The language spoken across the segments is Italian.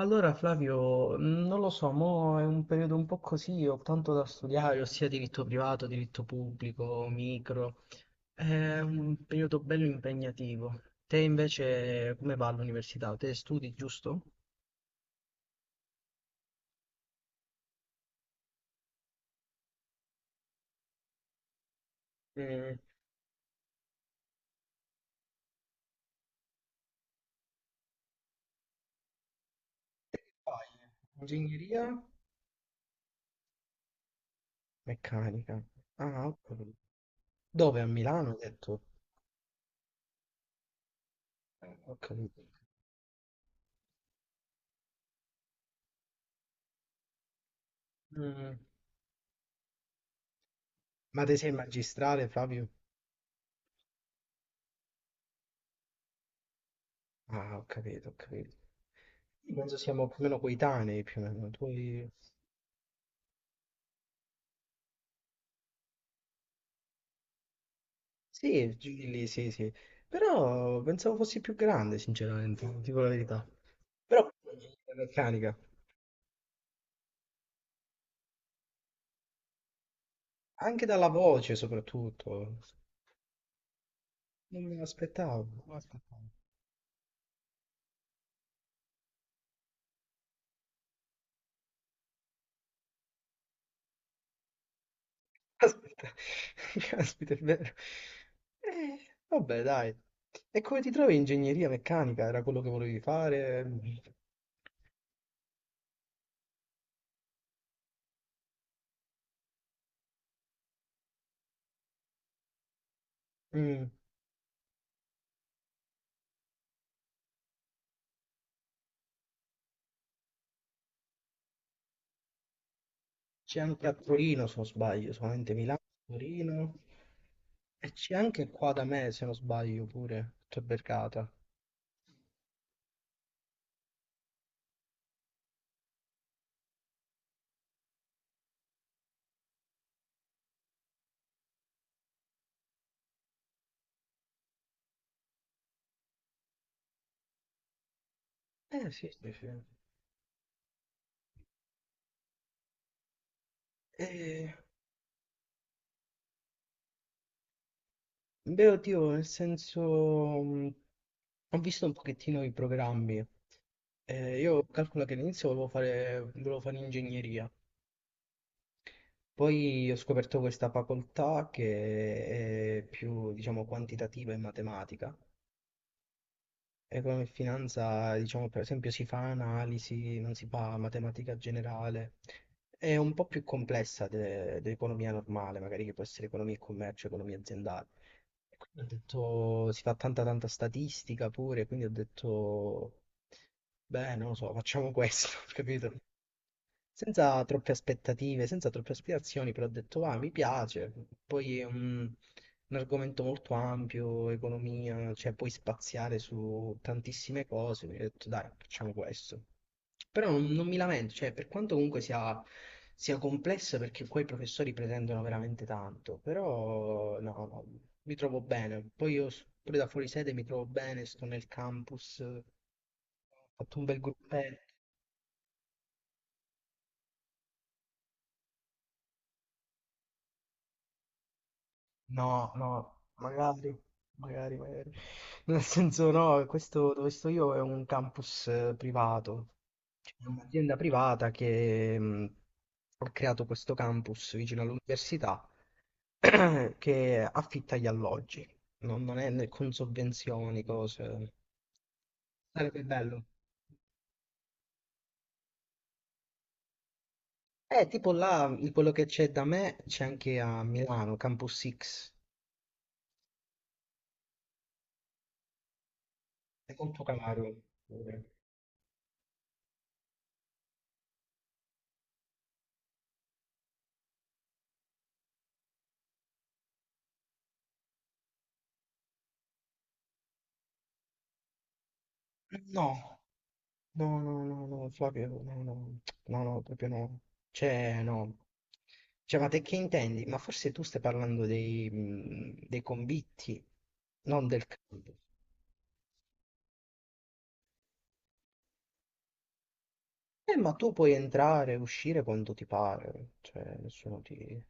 Allora Flavio, non lo so, mo è un periodo un po' così, ho tanto da studiare, ossia diritto privato, diritto pubblico, micro. È un periodo bello impegnativo. Te invece come va all'università? Te studi, giusto? Mm, poi, ingegneria meccanica. Ah, ho capito. Dove? A Milano, hai detto? Ho capito. Mm, ma te sei magistrale, Flavio? Ah, ho capito, ho capito. Penso siamo più o meno coetanei, più o meno. Tu hai- sì, giri lì, sì, sì. Però pensavo fossi più grande, sinceramente, dico la verità. Però la meccanica, anche dalla voce soprattutto, non me l'aspettavo. Non me l'aspettavo. Aspetta, caspita, è vero. Eh, vabbè, dai. E come ti trovi in ingegneria meccanica? Era quello che volevi fare? Mm, c'è anche a Torino, se non sbaglio, solamente Milano, Torino. E c'è anche qua da me, se non sbaglio, pure, c'è Bergata. Eh sì, sì, sì. Eh, beh, oddio, nel senso, mh, ho visto un pochettino i programmi. Io calcolo che all'inizio volevo fare ingegneria, poi ho scoperto questa facoltà che è più, diciamo, quantitativa e matematica. Economia e come in finanza, diciamo, per esempio, si fa analisi, non si fa matematica generale. È un po' più complessa dell'economia normale, magari che può essere economia e commercio, economia aziendale. E quindi ho detto, si fa tanta statistica pure, quindi ho detto, beh, non lo so, facciamo questo, capito? Senza troppe aspettative, senza troppe aspirazioni, però ho detto, ah, mi piace. Poi è un argomento molto ampio, economia, cioè puoi spaziare su tantissime cose. Quindi ho detto, dai, facciamo questo. Però non mi lamento, cioè, per quanto comunque sia complessa, perché qua i professori pretendono veramente tanto, però no, no, mi trovo bene. Poi io s- pure da fuori sede mi trovo bene, sto nel campus, ho fatto un bel gruppetto. No, no, magari, magari, magari. Nel senso, no, questo dove sto io è un campus privato. Cioè, è un'azienda privata che ha creato questo campus vicino all'università che affitta gli alloggi, non è né con sovvenzioni, cose. Sarebbe bello. Tipo là, quello che c'è da me c'è anche a Milano, Campus X. È molto caro. No, no, no, no, no, Flavio, no, no, no, no, proprio no. Cioè, no. Cioè, ma te che intendi? Ma forse tu stai parlando dei convitti, non del campo. Ma tu puoi entrare e uscire quando ti pare, cioè, nessuno ti...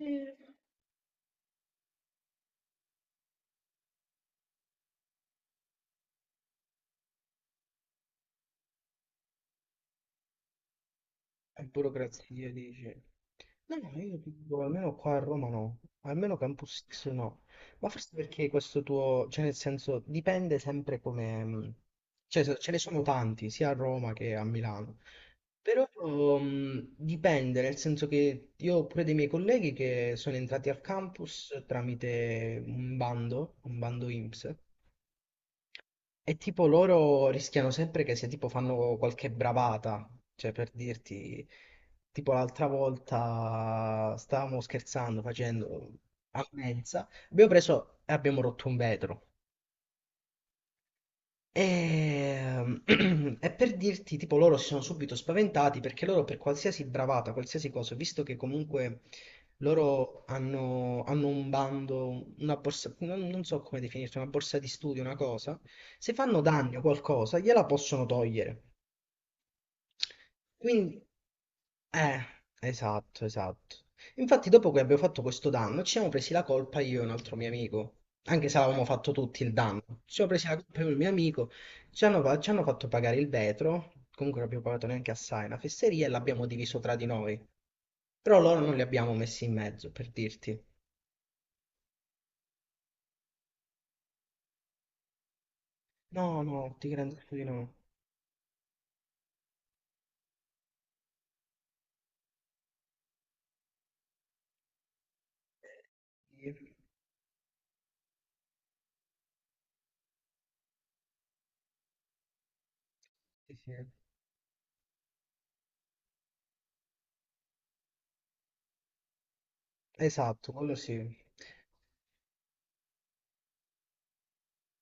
Eh, è burocrazia, dice. No, no, io ti dico, almeno qua a Roma no, almeno Campus X no. Ma forse perché questo tuo, cioè nel senso, dipende sempre come... cioè se- ce ne sono tanti, sia a Roma che a Milano. Però dipende, nel senso che io ho pure dei miei colleghi che sono entrati al campus tramite un bando INPS, e tipo loro rischiano sempre che se tipo fanno qualche bravata, cioè per dirti, tipo l'altra volta stavamo scherzando facendo a mensa, abbiamo preso e abbiamo rotto un vetro. Ehm, e per dirti, tipo, loro si sono subito spaventati perché loro per qualsiasi bravata, qualsiasi cosa, visto che comunque hanno un bando, una borsa, non so come definirsi, una borsa di studio, una cosa, se fanno danni o qualcosa, gliela possono togliere. Quindi, eh, esatto, esatto. Infatti, dopo che abbiamo fatto questo danno, ci siamo presi la colpa io e un altro mio amico. Anche se avevamo fatto tutti il danno, ci siamo presi la colpa io e il mio amico. Ci hanno, fa- ci hanno fatto pagare il vetro. Comunque, non abbiamo pagato neanche assai una fesseria e l'abbiamo diviso tra di noi. Però loro non li abbiamo messi in mezzo, per dirti. No, no, ti garantisco di no. Sì, sì. Esatto, quello sì.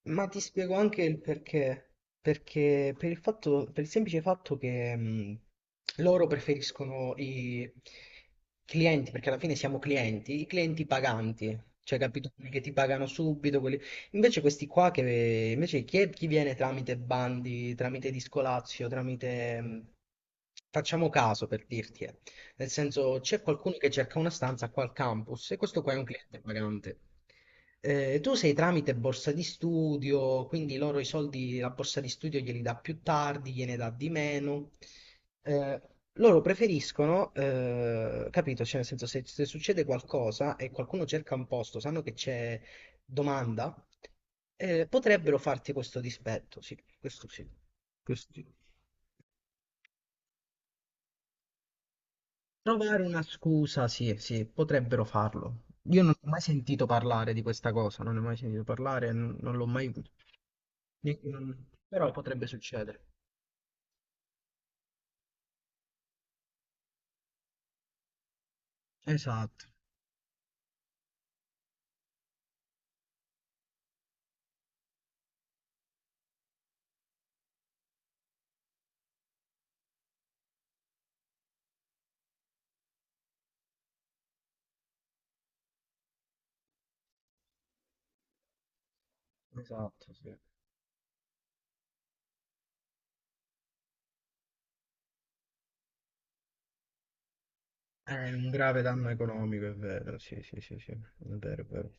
Ma ti spiego anche il perché. Perché per il fatto, per il semplice fatto che loro preferiscono i clienti, perché alla fine siamo clienti, i clienti paganti, cioè capito? Quelli che ti pagano subito. Quelli- invece questi qua che invece chi, è- chi viene tramite bandi, tramite Discolazio, tramite facciamo caso per dirti, eh. Nel senso, c'è qualcuno che cerca una stanza qua al campus e questo qua è un cliente pagante. Tu sei tramite borsa di studio, quindi loro i soldi, la borsa di studio glieli dà più tardi, gliene dà di meno. Eh, loro preferiscono, capito? Cioè, nel senso, se succede qualcosa e qualcuno cerca un posto, sanno che c'è domanda, potrebbero farti questo dispetto, sì, questo sì. Questo sì. Trovare una scusa, sì, sì, potrebbero farlo. Io non ho mai sentito parlare di questa cosa, non ne ho mai sentito parlare, non l'ho mai... ne- non- però potrebbe succedere. Esatto, esatto, sì. È un grave danno economico, è vero, sì, sì, sì, sì, è vero, è vero.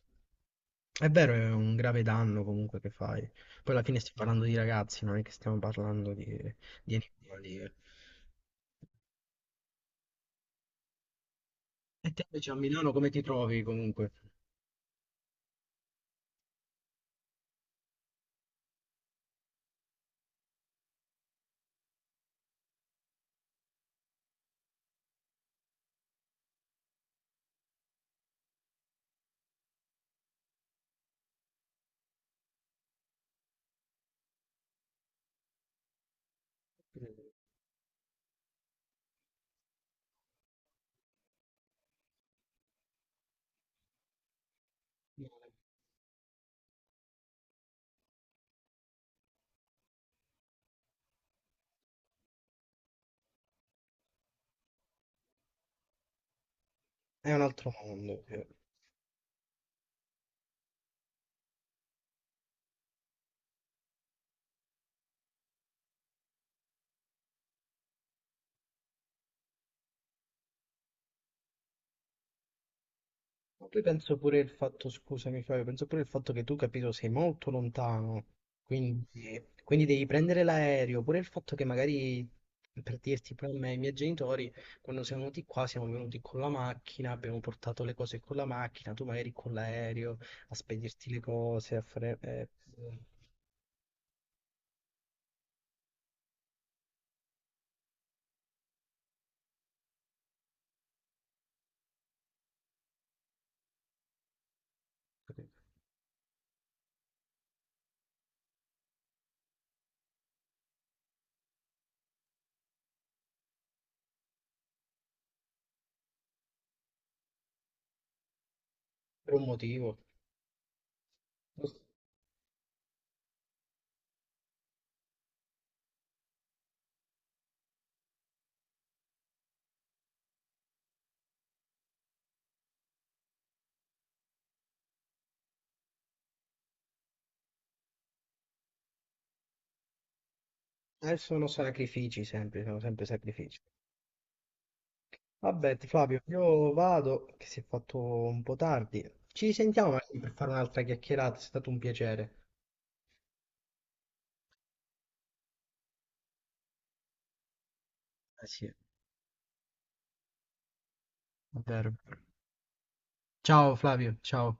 È vero, è un grave danno comunque che fai. Poi alla fine stiamo parlando di ragazzi, non è che stiamo parlando di animali. Eh. E te invece a Milano come ti trovi comunque? È un altro mondo, sì. Ma poi penso pure il fatto, scusami Flavio, penso pure il fatto che tu, capito, sei molto lontano, quindi, quindi devi prendere l'aereo, pure il fatto che magari, per dirti, pure a me e ai miei genitori, quando siamo venuti qua, siamo venuti con la macchina, abbiamo portato le cose con la macchina, tu magari con l'aereo, a spedirti le cose, a fare... per un motivo. Adesso sono sacrifici sempre, sono sempre sacrifici. Vabbè, Flavio, io vado, che si è fatto un po' tardi. Ci risentiamo magari per fare un'altra chiacchierata, è stato un piacere. Eh sì, davvero. Ciao Flavio, ciao.